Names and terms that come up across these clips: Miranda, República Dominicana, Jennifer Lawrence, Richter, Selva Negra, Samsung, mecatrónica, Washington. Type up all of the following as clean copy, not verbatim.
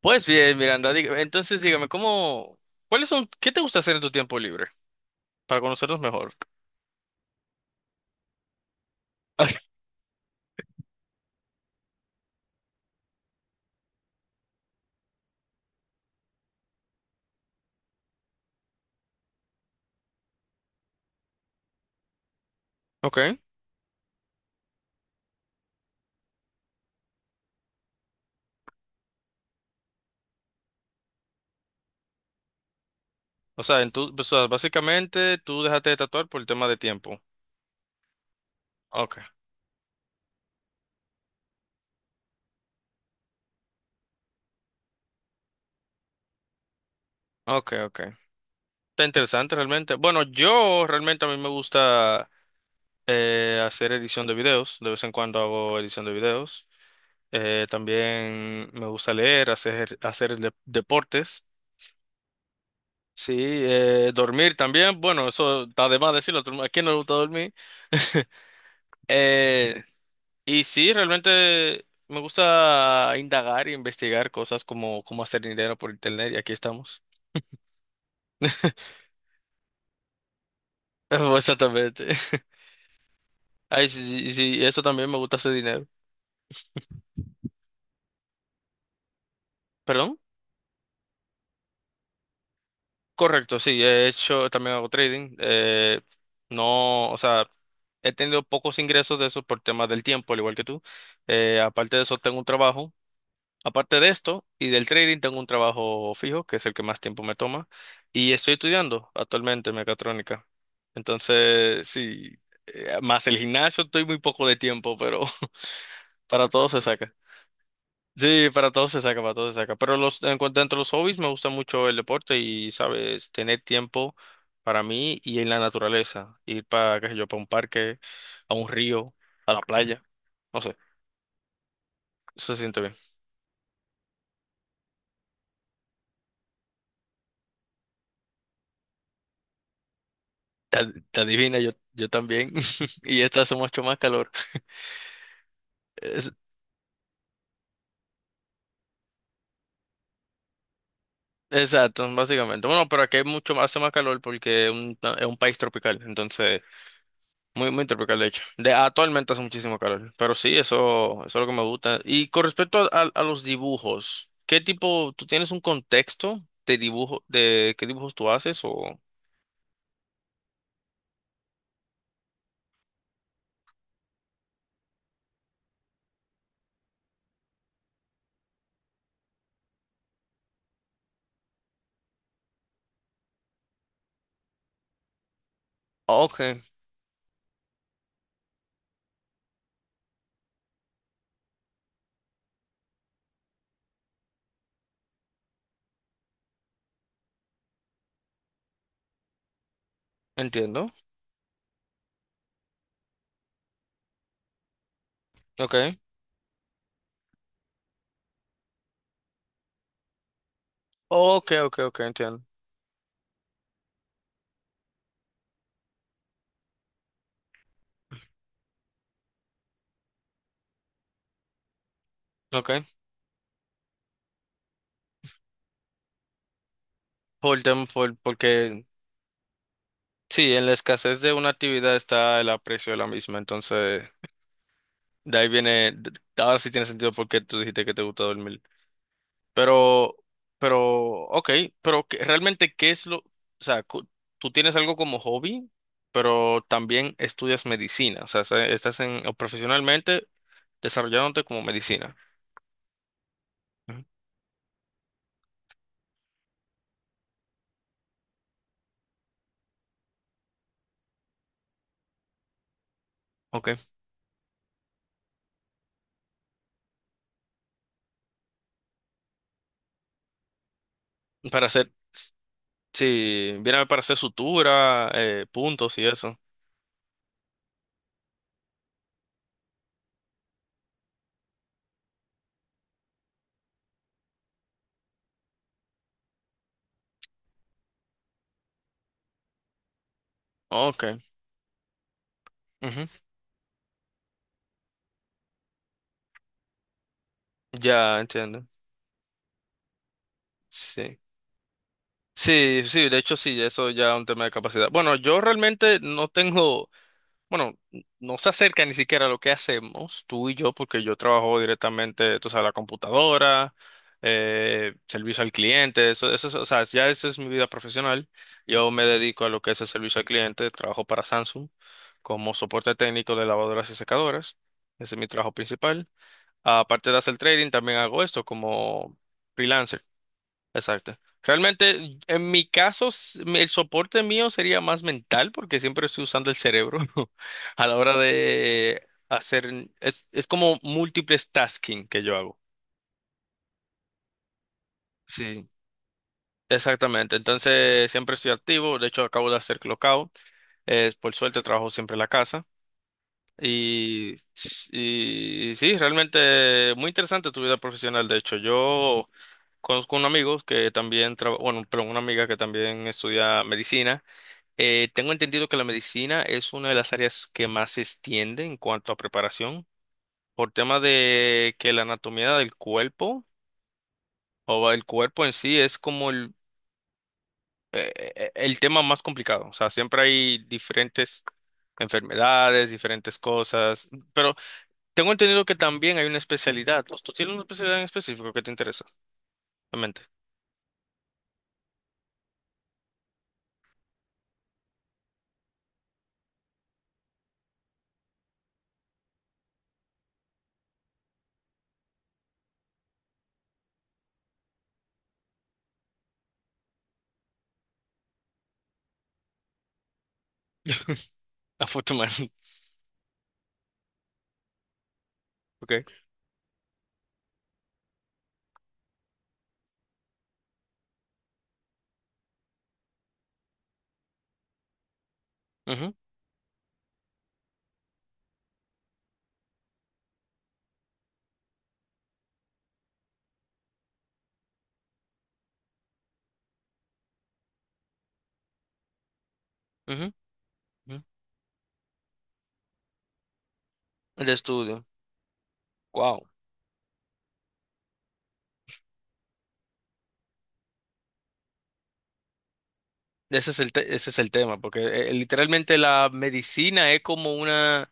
Pues bien, Miranda, entonces dígame, ¿cuáles son, qué te gusta hacer en tu tiempo libre para conocernos mejor? Ok. O sea, básicamente tú dejaste de tatuar por el tema de tiempo. Ok, ok, ok. Está interesante realmente. Bueno, yo realmente a mí me gusta hacer edición de videos. De vez en cuando hago edición de videos. También me gusta leer, deportes. Sí, dormir también. Bueno, eso está de más decirlo. ¿A quién no le gusta dormir? Eh, y sí, realmente me gusta indagar e investigar cosas como cómo hacer dinero por internet y aquí estamos. Exactamente. Ay, sí, sí, sí, eso también me gusta, hacer dinero. ¿Perdón? Correcto, sí, también hago trading. No, o sea, he tenido pocos ingresos de eso por temas del tiempo, al igual que tú. Aparte de eso, tengo un trabajo. Aparte de esto y del trading, tengo un trabajo fijo, que es el que más tiempo me toma, y estoy estudiando actualmente mecatrónica. Entonces, sí, más el gimnasio, estoy muy poco de tiempo, pero para todo se saca. Sí, para todo se saca, para todo se saca. Pero en cuanto dentro de los hobbies, me gusta mucho el deporte y, sabes, tener tiempo para mí y en la naturaleza. Ir para, qué sé yo, para un parque, a un río, a la playa. No sé, se siente bien. Adivina, yo también. Y esta hace mucho más calor. Es- exacto, básicamente. Bueno, pero aquí hay mucho más, hace más calor porque es un país tropical. Entonces, muy, muy tropical, de hecho. Actualmente hace muchísimo calor. Pero sí, eso es lo que me gusta. Y con respecto a, a los dibujos, ¿qué tipo, tú tienes un contexto de dibujo, de qué dibujos tú haces? O... Ok, entiendo. Ok. Ok, ok, ok, entiendo. Ok. Porque... Sí, en la escasez de una actividad está el aprecio de la misma, entonces de ahí viene, d- ahora sí tiene sentido porque tú dijiste que te gusta dormir. Pero, pero, ok, pero realmente ¿qué es lo, sea, cu- tú tienes algo como hobby, pero también estudias medicina, o sea, estás en, o profesionalmente desarrollándote como medicina. Ujú. Ok. Para hacer, sí, viene para hacer sutura, puntos y eso. Ok. Ujú. Ya entiendo. Sí. Sí, sí, de hecho sí, eso ya es un tema de capacidad. Bueno, yo realmente no tengo, bueno, no se acerca ni siquiera a lo que hacemos tú y yo, porque yo trabajo directamente, tú sabes, la computadora, servicio al cliente, eso, o sea, ya eso es mi vida profesional. Yo me dedico a lo que es el servicio al cliente, trabajo para Samsung como soporte técnico de lavadoras y secadoras. Ese es mi trabajo principal. Aparte de hacer trading, también hago esto como freelancer. Exacto. Realmente, en mi caso, el soporte mío sería más mental porque siempre estoy usando el cerebro a la hora de hacer, es como múltiples tasking que yo hago. Sí. Exactamente. Entonces, siempre estoy activo. De hecho, acabo de hacer clockout. Por suerte, trabajo siempre en la casa. Y sí, realmente muy interesante tu vida profesional. De hecho, yo conozco un amigo que también trabaja, bueno, pero una amiga que también estudia medicina. Tengo entendido que la medicina es una de las áreas que más se extiende en cuanto a preparación, por tema de que la anatomía del cuerpo o el cuerpo en sí es como el, el tema más complicado. O sea, siempre hay diferentes enfermedades, diferentes cosas, pero tengo entendido que también hay una especialidad. ¿Tú tienes una especialidad en específico que te interesa? Realmente. Afortunadamente. Ok. Ujú, ujú, ujú. De estudio. Ese es ese es el tema, porque literalmente la medicina es como una,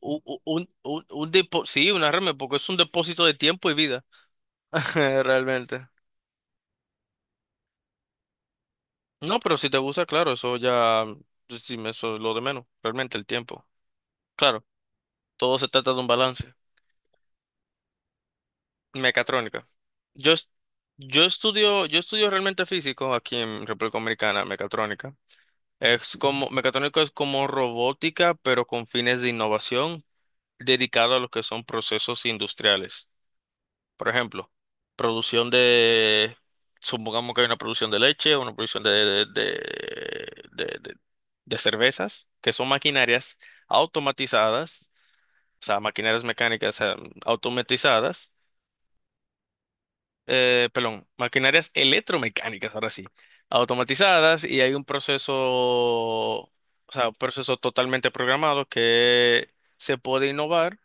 sí, una remera, porque es un depósito de tiempo y vida, realmente. No, pero si te gusta, claro, eso ya, pues, sí, eso es lo de menos, realmente el tiempo. Claro, todo se trata de un balance. Mecatrónica. Yo, es- yo estudio realmente físico aquí en República Dominicana, mecatrónica. Es como, mecatrónica es como robótica, pero con fines de innovación. Dedicado a lo que son procesos industriales. Por ejemplo, producción de, supongamos que hay una producción de leche, una producción de- de- de cervezas, que son maquinarias automatizadas, o sea, maquinarias mecánicas, automatizadas, perdón, maquinarias electromecánicas, ahora sí, automatizadas, y hay un proceso, o sea, un proceso totalmente programado que se puede innovar.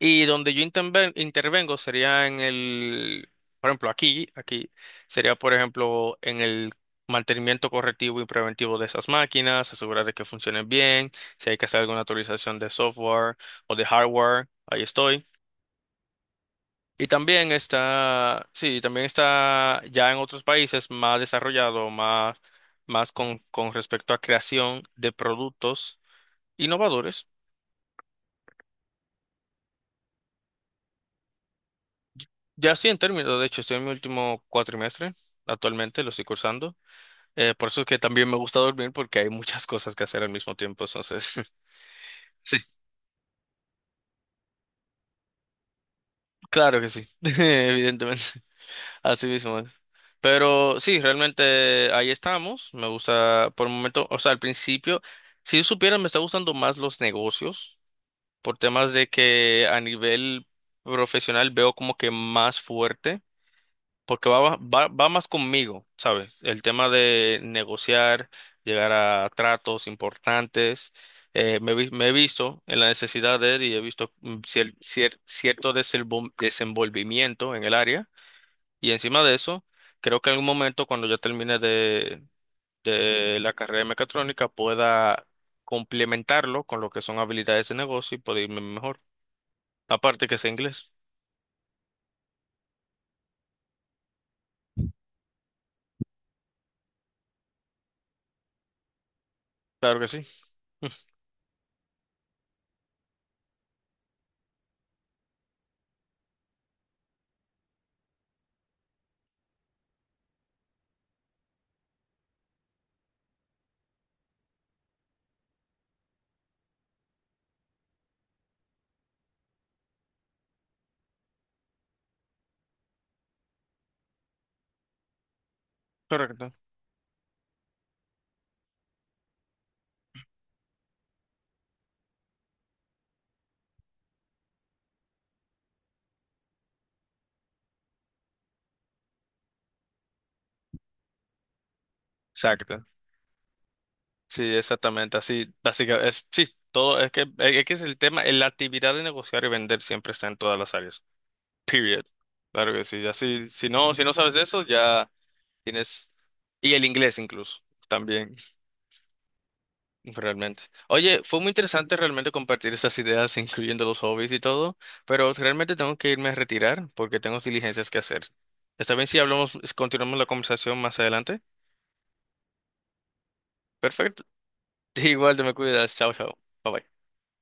Y donde yo intervengo sería en el, por ejemplo, aquí, aquí sería, por ejemplo, en el mantenimiento correctivo y preventivo de esas máquinas, asegurar de que funcionen bien, si hay que hacer alguna actualización de software o de hardware, ahí estoy. Y también está, sí, también está ya en otros países más desarrollado, más, más con respecto a creación de productos innovadores. Ya sí, en términos, de hecho, estoy en mi último cuatrimestre, actualmente lo estoy cursando. Por eso es que también me gusta dormir porque hay muchas cosas que hacer al mismo tiempo, entonces, sí, claro que sí, evidentemente, así mismo es. Pero sí, realmente ahí estamos, me gusta por el momento, o sea, al principio, si supieran, me está gustando más los negocios, por temas de que a nivel profesional veo como que más fuerte. Porque va más conmigo, ¿sabes? El tema de negociar, llegar a tratos importantes. Eh, me he visto en la necesidad de él y he visto cierto desenvolvimiento en el área. Y encima de eso, creo que en algún momento, cuando ya termine de la carrera de mecatrónica, pueda complementarlo con lo que son habilidades de negocio y poder irme mejor. Aparte que sea inglés. Claro que sí. Correcto. Exacto. Sí, exactamente, así, básicamente, es, sí, todo, es que, e-, es que es el tema, la actividad de negociar y vender siempre está en todas las áreas, period, claro que sí, así, si no sabes eso, ya tienes, y el inglés incluso, también, realmente. Oye, fue muy interesante realmente compartir esas ideas, incluyendo los hobbies y todo, pero realmente tengo que irme a retirar porque tengo diligencias que hacer. ¿Está bien si continuamos la conversación más adelante? Perfecto, igual te me cuidas, chao, chao, bye bye.